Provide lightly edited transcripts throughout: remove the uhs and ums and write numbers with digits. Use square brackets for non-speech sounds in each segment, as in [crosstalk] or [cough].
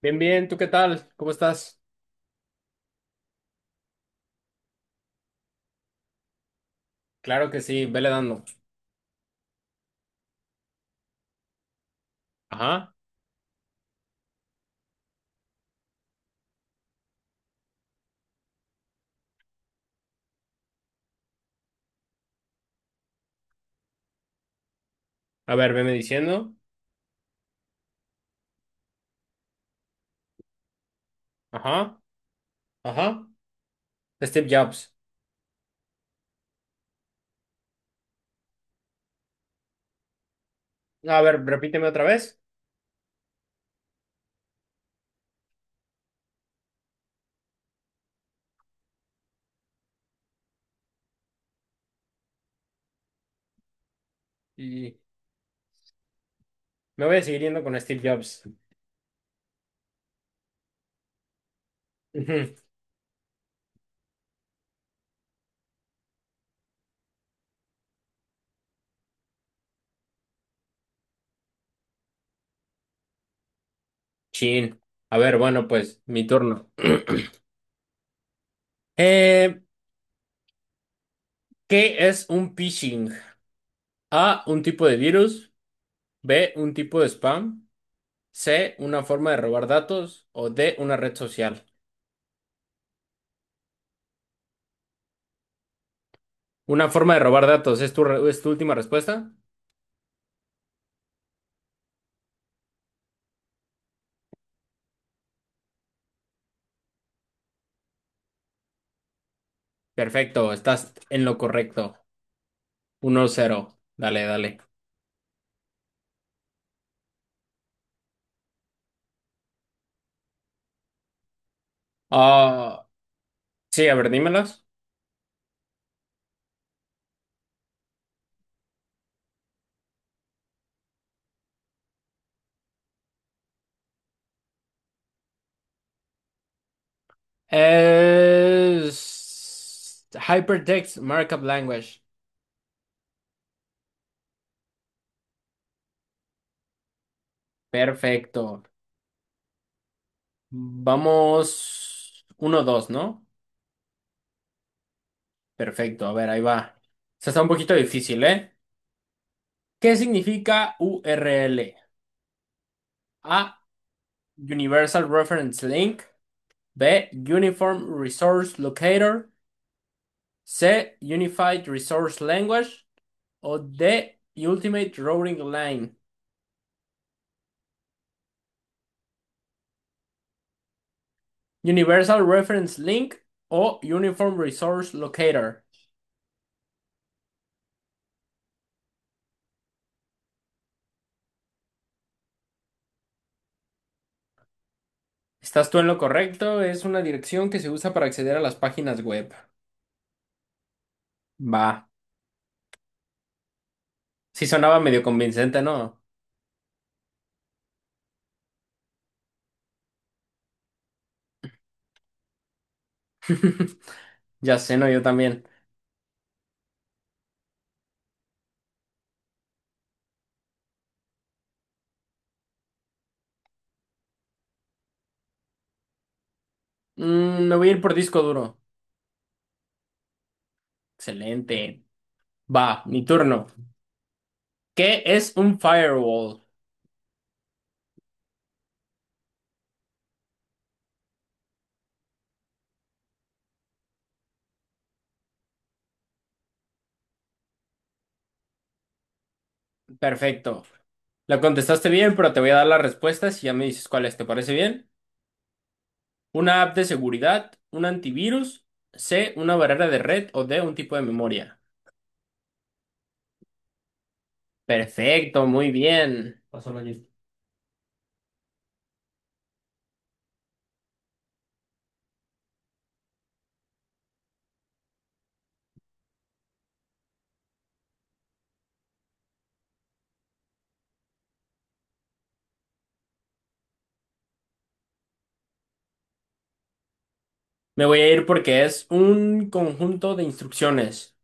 Bien, bien, ¿tú qué tal? ¿Cómo estás? Claro que sí, vele dando. Ajá. A ver, veme diciendo. Ajá. Ajá. Steve Jobs. A ver, repíteme otra vez. Y me voy a seguir yendo con Steve Jobs. Ujú. Chin. A ver, bueno, pues, mi turno. [clears throat] Eh, ¿qué es un phishing? A, un tipo de virus. B, un tipo de spam. C, una forma de robar datos. O D, una red social. Una forma de robar datos, es tu última respuesta? Perfecto, estás en lo correcto. Uno cero, dale, dale. Ah, sí, a ver, dímelas. Es Hypertext Markup Language. Perfecto. Vamos uno dos, ¿no? Perfecto, a ver, ahí va. Se está un poquito difícil, ¿eh? ¿Qué significa URL? A. Universal Reference Link. B. Uniform Resource Locator. C. Unified Resource Language. O D, Ultimate Routing Line. Universal Reference Link o Uniform Resource Locator. Estás tú en lo correcto, es una dirección que se usa para acceder a las páginas web. Va, sí sonaba medio convincente, ¿no? [laughs] Ya sé, no, yo también. Mm, me voy a ir por disco duro. Excelente. Va, mi turno. ¿Qué es un firewall? Perfecto. La contestaste bien, pero te voy a dar las respuestas y ya me dices cuáles. ¿Te parece bien? Una app de seguridad, un antivirus, C, una barrera de red o D, un tipo de memoria. Perfecto, muy bien. Pásalo allí. Me voy a ir porque es un conjunto de instrucciones.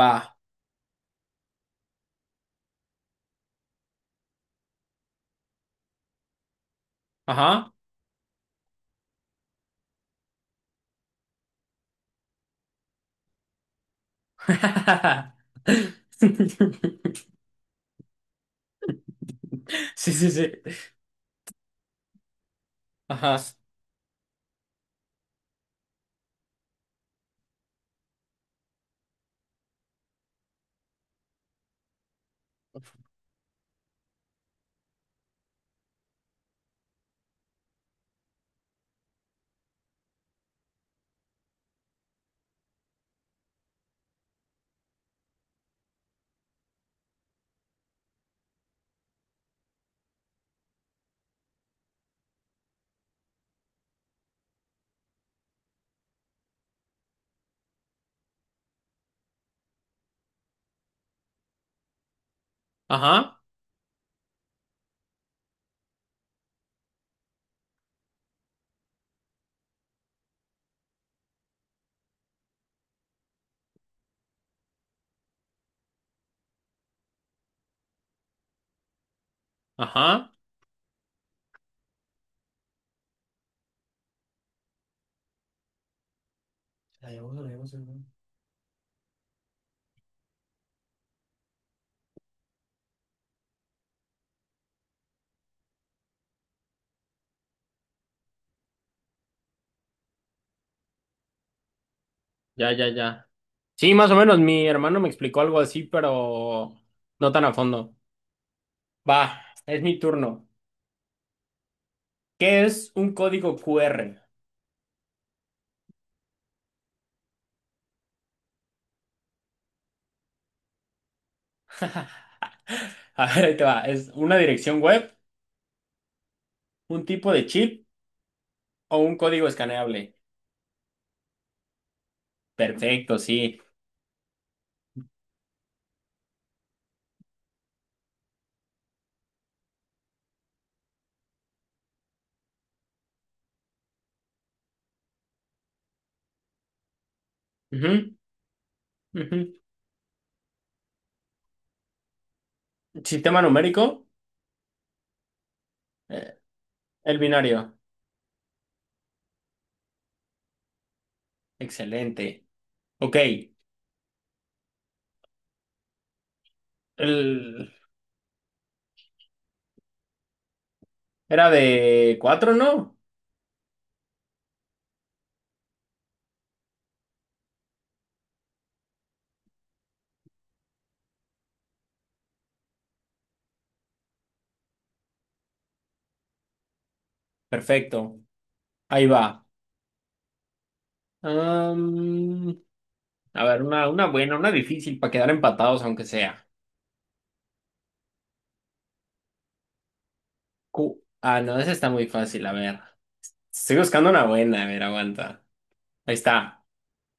Va. Ajá. [laughs] Sí, sí, sí. Ajá. Ajá. Ajá. La llevamos, la llevamos, la Ya, ya, ya. Sí, más o menos. Mi hermano me explicó algo así, pero no tan a fondo. Va, es mi turno. ¿Qué es un código QR? [laughs] A ver, ahí te va. Es una dirección web, un tipo de chip o un código escaneable. Perfecto, sí. Ujú, ujú. Sistema numérico, eh, el binario. Excelente. Ok. El- Era de cuatro, ¿no? Perfecto. Ahí va. Am, a ver, una buena, una difícil para quedar empatados, aunque sea. Ah, no, esa está muy fácil. A ver. Estoy buscando una buena. A ver, aguanta. Ahí está.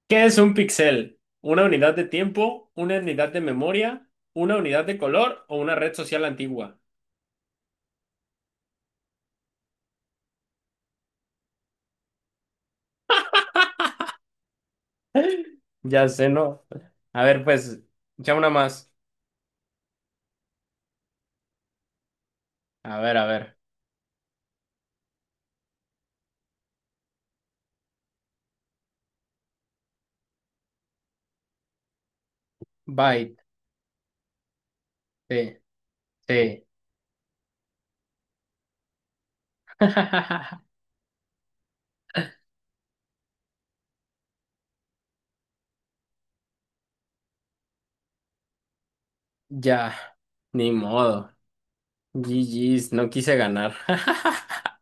¿Qué es un píxel? ¿Una unidad de tiempo, una unidad de memoria, una unidad de color o una red social antigua? Ya sé, ¿no? A ver, pues, ya una más. A ver, a ver. Byte, sí, sí. [laughs] Ya, ni modo. GG's, no quise ganar. [laughs]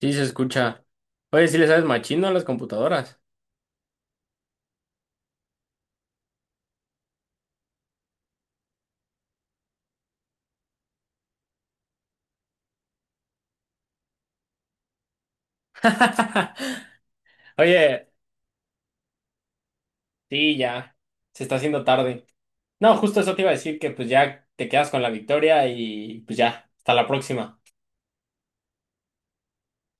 Sí, se escucha. Oye, ¿sí le sabes machino a las computadoras? [laughs] Oye, sí, ya. Se está haciendo tarde. No, justo eso te iba a decir que pues ya te quedas con la victoria y pues ya, hasta la próxima.